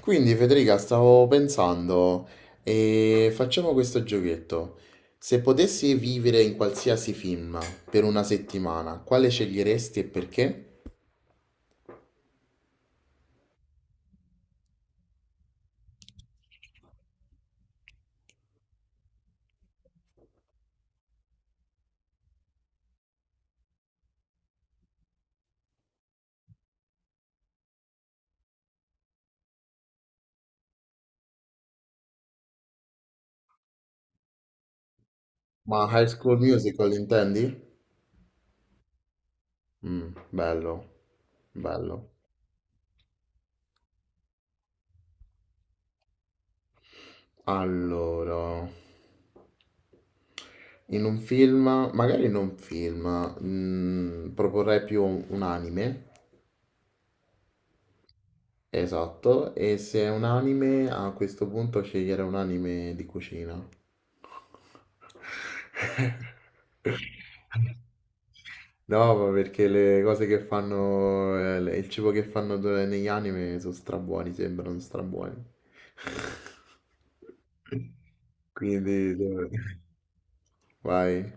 Quindi Federica, stavo pensando, e facciamo questo giochetto. Se potessi vivere in qualsiasi film per una settimana, quale sceglieresti e perché? Ma High School Musical intendi? Mm, bello, bello. Allora, in un film, magari in un film, proporrei più un anime. Esatto, e se è un anime, a questo punto scegliere un anime di cucina. No, ma perché le cose che fanno, il cibo che fanno negli anime sono strabuoni, sembrano strabuoni. Quindi, vai.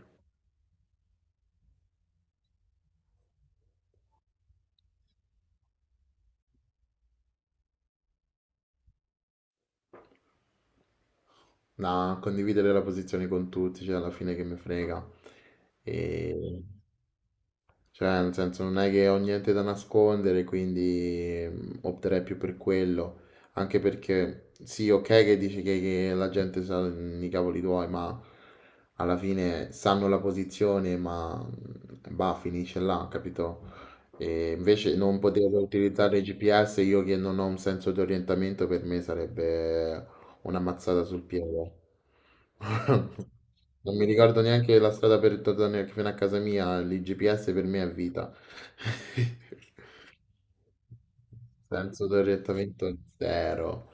No, condividere la posizione con tutti, cioè alla fine che mi frega. E... Cioè, nel senso, non è che ho niente da nascondere, quindi opterei più per quello. Anche perché, sì, ok che dici che la gente sa, i cavoli tuoi, ma alla fine sanno la posizione, ma bah, finisce là, capito? E invece non poter utilizzare il GPS, io che non ho un senso di orientamento, per me sarebbe una mazzata sul piede. Non mi ricordo neanche la strada per tornare fino a casa mia, l'IGPS per me è vita. Senso d'orientamento zero.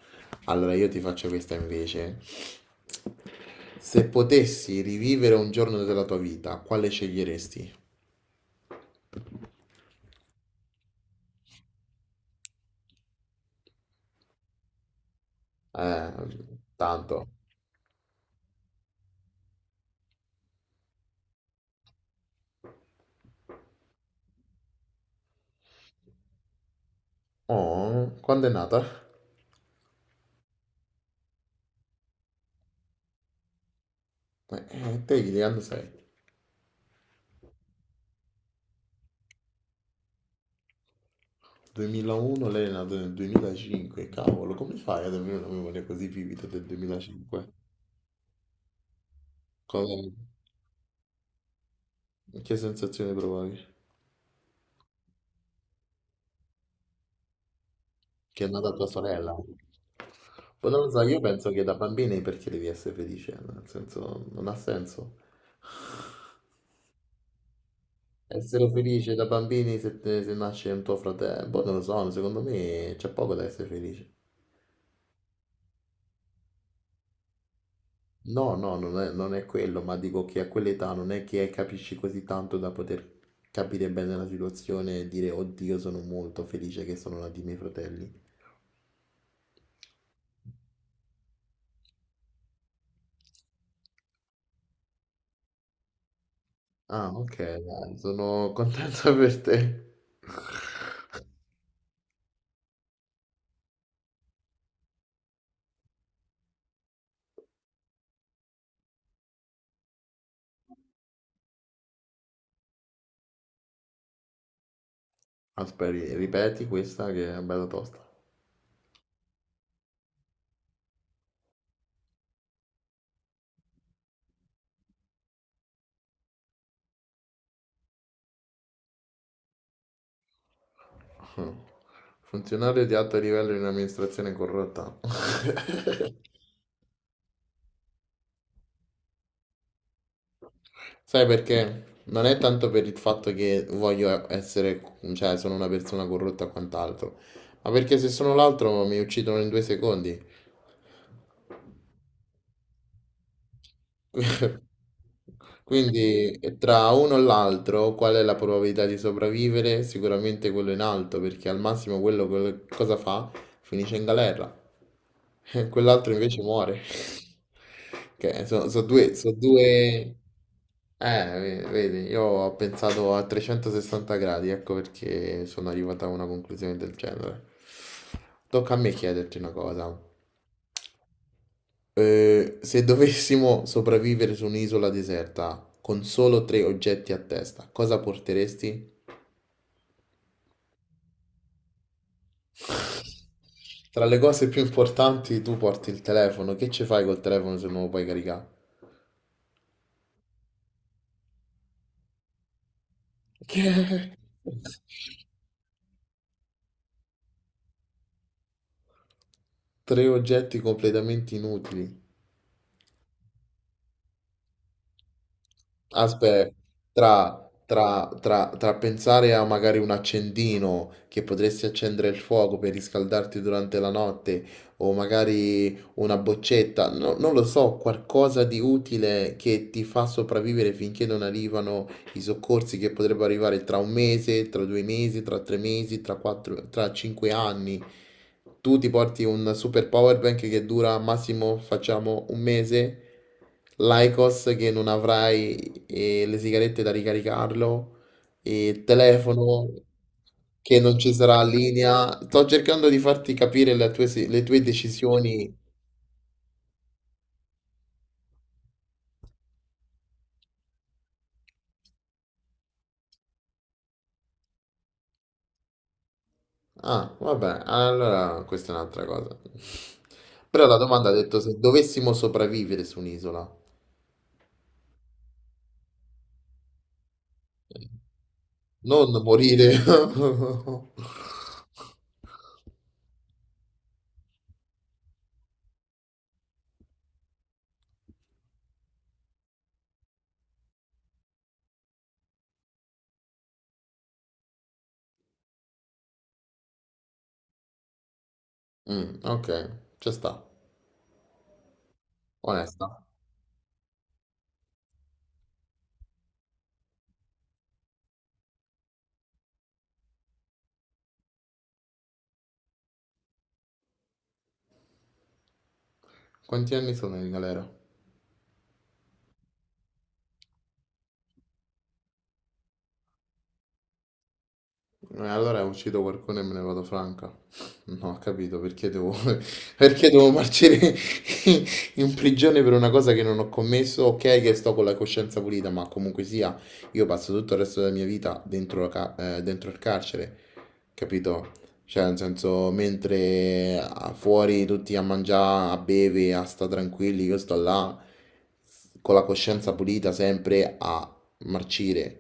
Allora io ti faccio questa invece. Se potessi rivivere un giorno della tua vita, quale sceglieresti? Eh, tanto. Oh, quando è nata? Te di che anno sei? 2001, lei è nata nel 2005, cavolo, come fai ad avere una memoria così vivida del 2005? Cosa- che sensazione provavi? Che è nata tua sorella? Poi non lo so, io penso che da bambini perché devi essere felice, nel senso, non ha senso. Essere felice da bambini se, se nasce un tuo fratello, boh, non lo so, secondo me c'è poco da essere felice. No, no, non è quello, ma dico che a quell'età non è che capisci così tanto da poter capire bene la situazione e dire, oddio, sono molto felice che sono nati i miei fratelli. Ah, ok, dai, sono contento per te. Aspetta, ripeti questa che è bella tosta. Funzionario di alto livello in amministrazione corrotta. Sai perché? Non è tanto per il fatto che voglio essere, cioè sono una persona corrotta o quant'altro, ma perché se sono l'altro mi uccidono in due secondi. Quindi, tra uno e l'altro qual è la probabilità di sopravvivere? Sicuramente quello in alto, perché al massimo quello, cosa fa? Finisce in galera. Quell'altro invece muore. Che sono, due, so due... vedi, io ho pensato a 360 gradi, ecco perché sono arrivato a una conclusione del genere. Tocca a me chiederti una cosa. Se dovessimo sopravvivere su un'isola deserta con solo tre oggetti a testa, cosa porteresti? Tra le cose più importanti, tu porti il telefono. Che ci fai col telefono se non lo puoi caricare? Che? Tre oggetti completamente inutili. Aspetta, tra pensare a magari un accendino che potresti accendere il fuoco per riscaldarti durante la notte, o magari una boccetta, non lo so, qualcosa di utile che ti fa sopravvivere finché non arrivano i soccorsi che potrebbero arrivare tra un mese, tra due mesi, tra tre mesi, tra quattro, tra cinque anni. Tu ti porti un super power bank che dura massimo, facciamo, un mese, l'IQOS che non avrai, le sigarette da ricaricarlo, il telefono che non ci sarà linea. Sto cercando di farti capire le tue, le tue decisioni. Ah, vabbè, allora questa è un'altra cosa. Però la domanda ha detto se dovessimo sopravvivere su un'isola, non morire. Mm, ok, ci sta. Onesta. Quanti anni sono in galera? Allora uccido qualcuno e me ne vado franca. No, ho capito, perché devo, perché devo marcire in prigione per una cosa che non ho commesso. Ok, che sto con la coscienza pulita, ma comunque sia, io passo tutto il resto della mia vita dentro, dentro il carcere, capito? Cioè, nel senso, mentre fuori tutti a mangiare, a bere, a sta tranquilli, io sto là con la coscienza pulita sempre a marcire,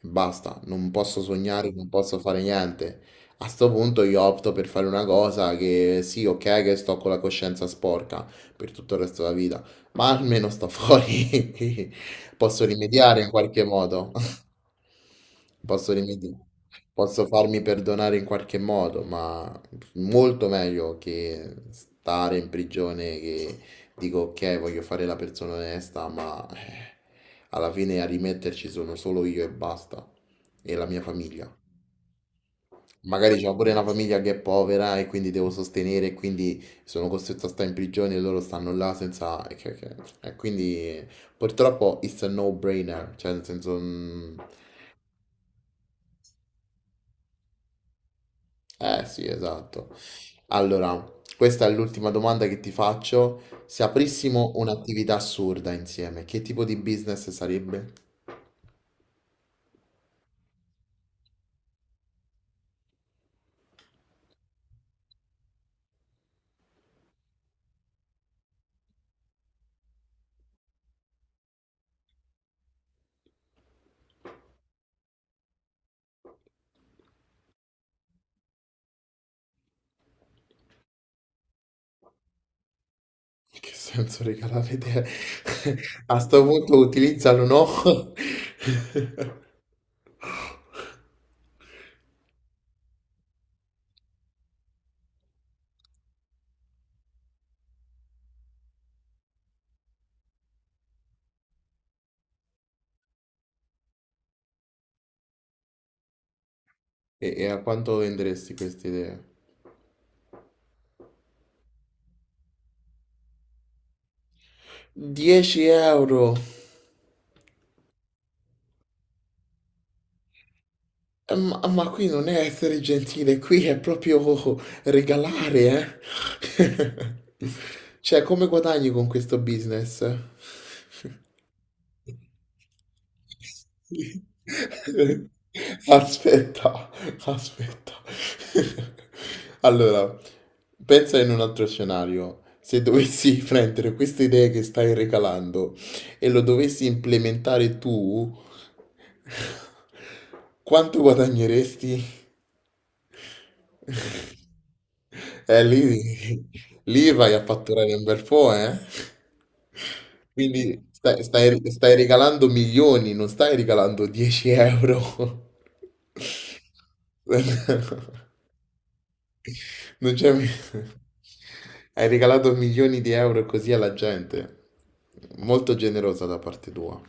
basta, non posso sognare, non posso fare niente. A sto punto io opto per fare una cosa che sì, ok, che sto con la coscienza sporca per tutto il resto della vita, ma almeno sto fuori. Posso rimediare in qualche modo. Posso rimediare. Posso farmi perdonare in qualche modo, ma molto meglio che stare in prigione, che dico, ok, voglio fare la persona onesta, ma, alla fine a rimetterci sono solo io e basta, e la mia famiglia. Magari c'ho pure una famiglia che è povera e quindi devo sostenere, e quindi sono costretto a stare in prigione e loro stanno là senza... E e quindi purtroppo it's a no-brainer, cioè nel senso... mm, eh sì, esatto. Allora, questa è l'ultima domanda che ti faccio. Se aprissimo un'attività assurda insieme, che tipo di business sarebbe? Che senso regalare te? A sto punto utilizzalo, no? E, e a quanto venderesti queste idee? 10 euro! Ma qui non è essere gentile, qui è proprio regalare, eh? Cioè, come guadagni con questo business? Aspetta, aspetta. Allora, pensa in un altro scenario. Se dovessi prendere queste idee che stai recalando e lo dovessi implementare tu, quanto guadagneresti? Eh, lì, lì vai a fatturare un bel po', eh? Quindi stai regalando milioni, non stai regalando 10 euro. Non c'è... mi- Hai regalato milioni di euro così alla gente. Molto generosa da parte tua.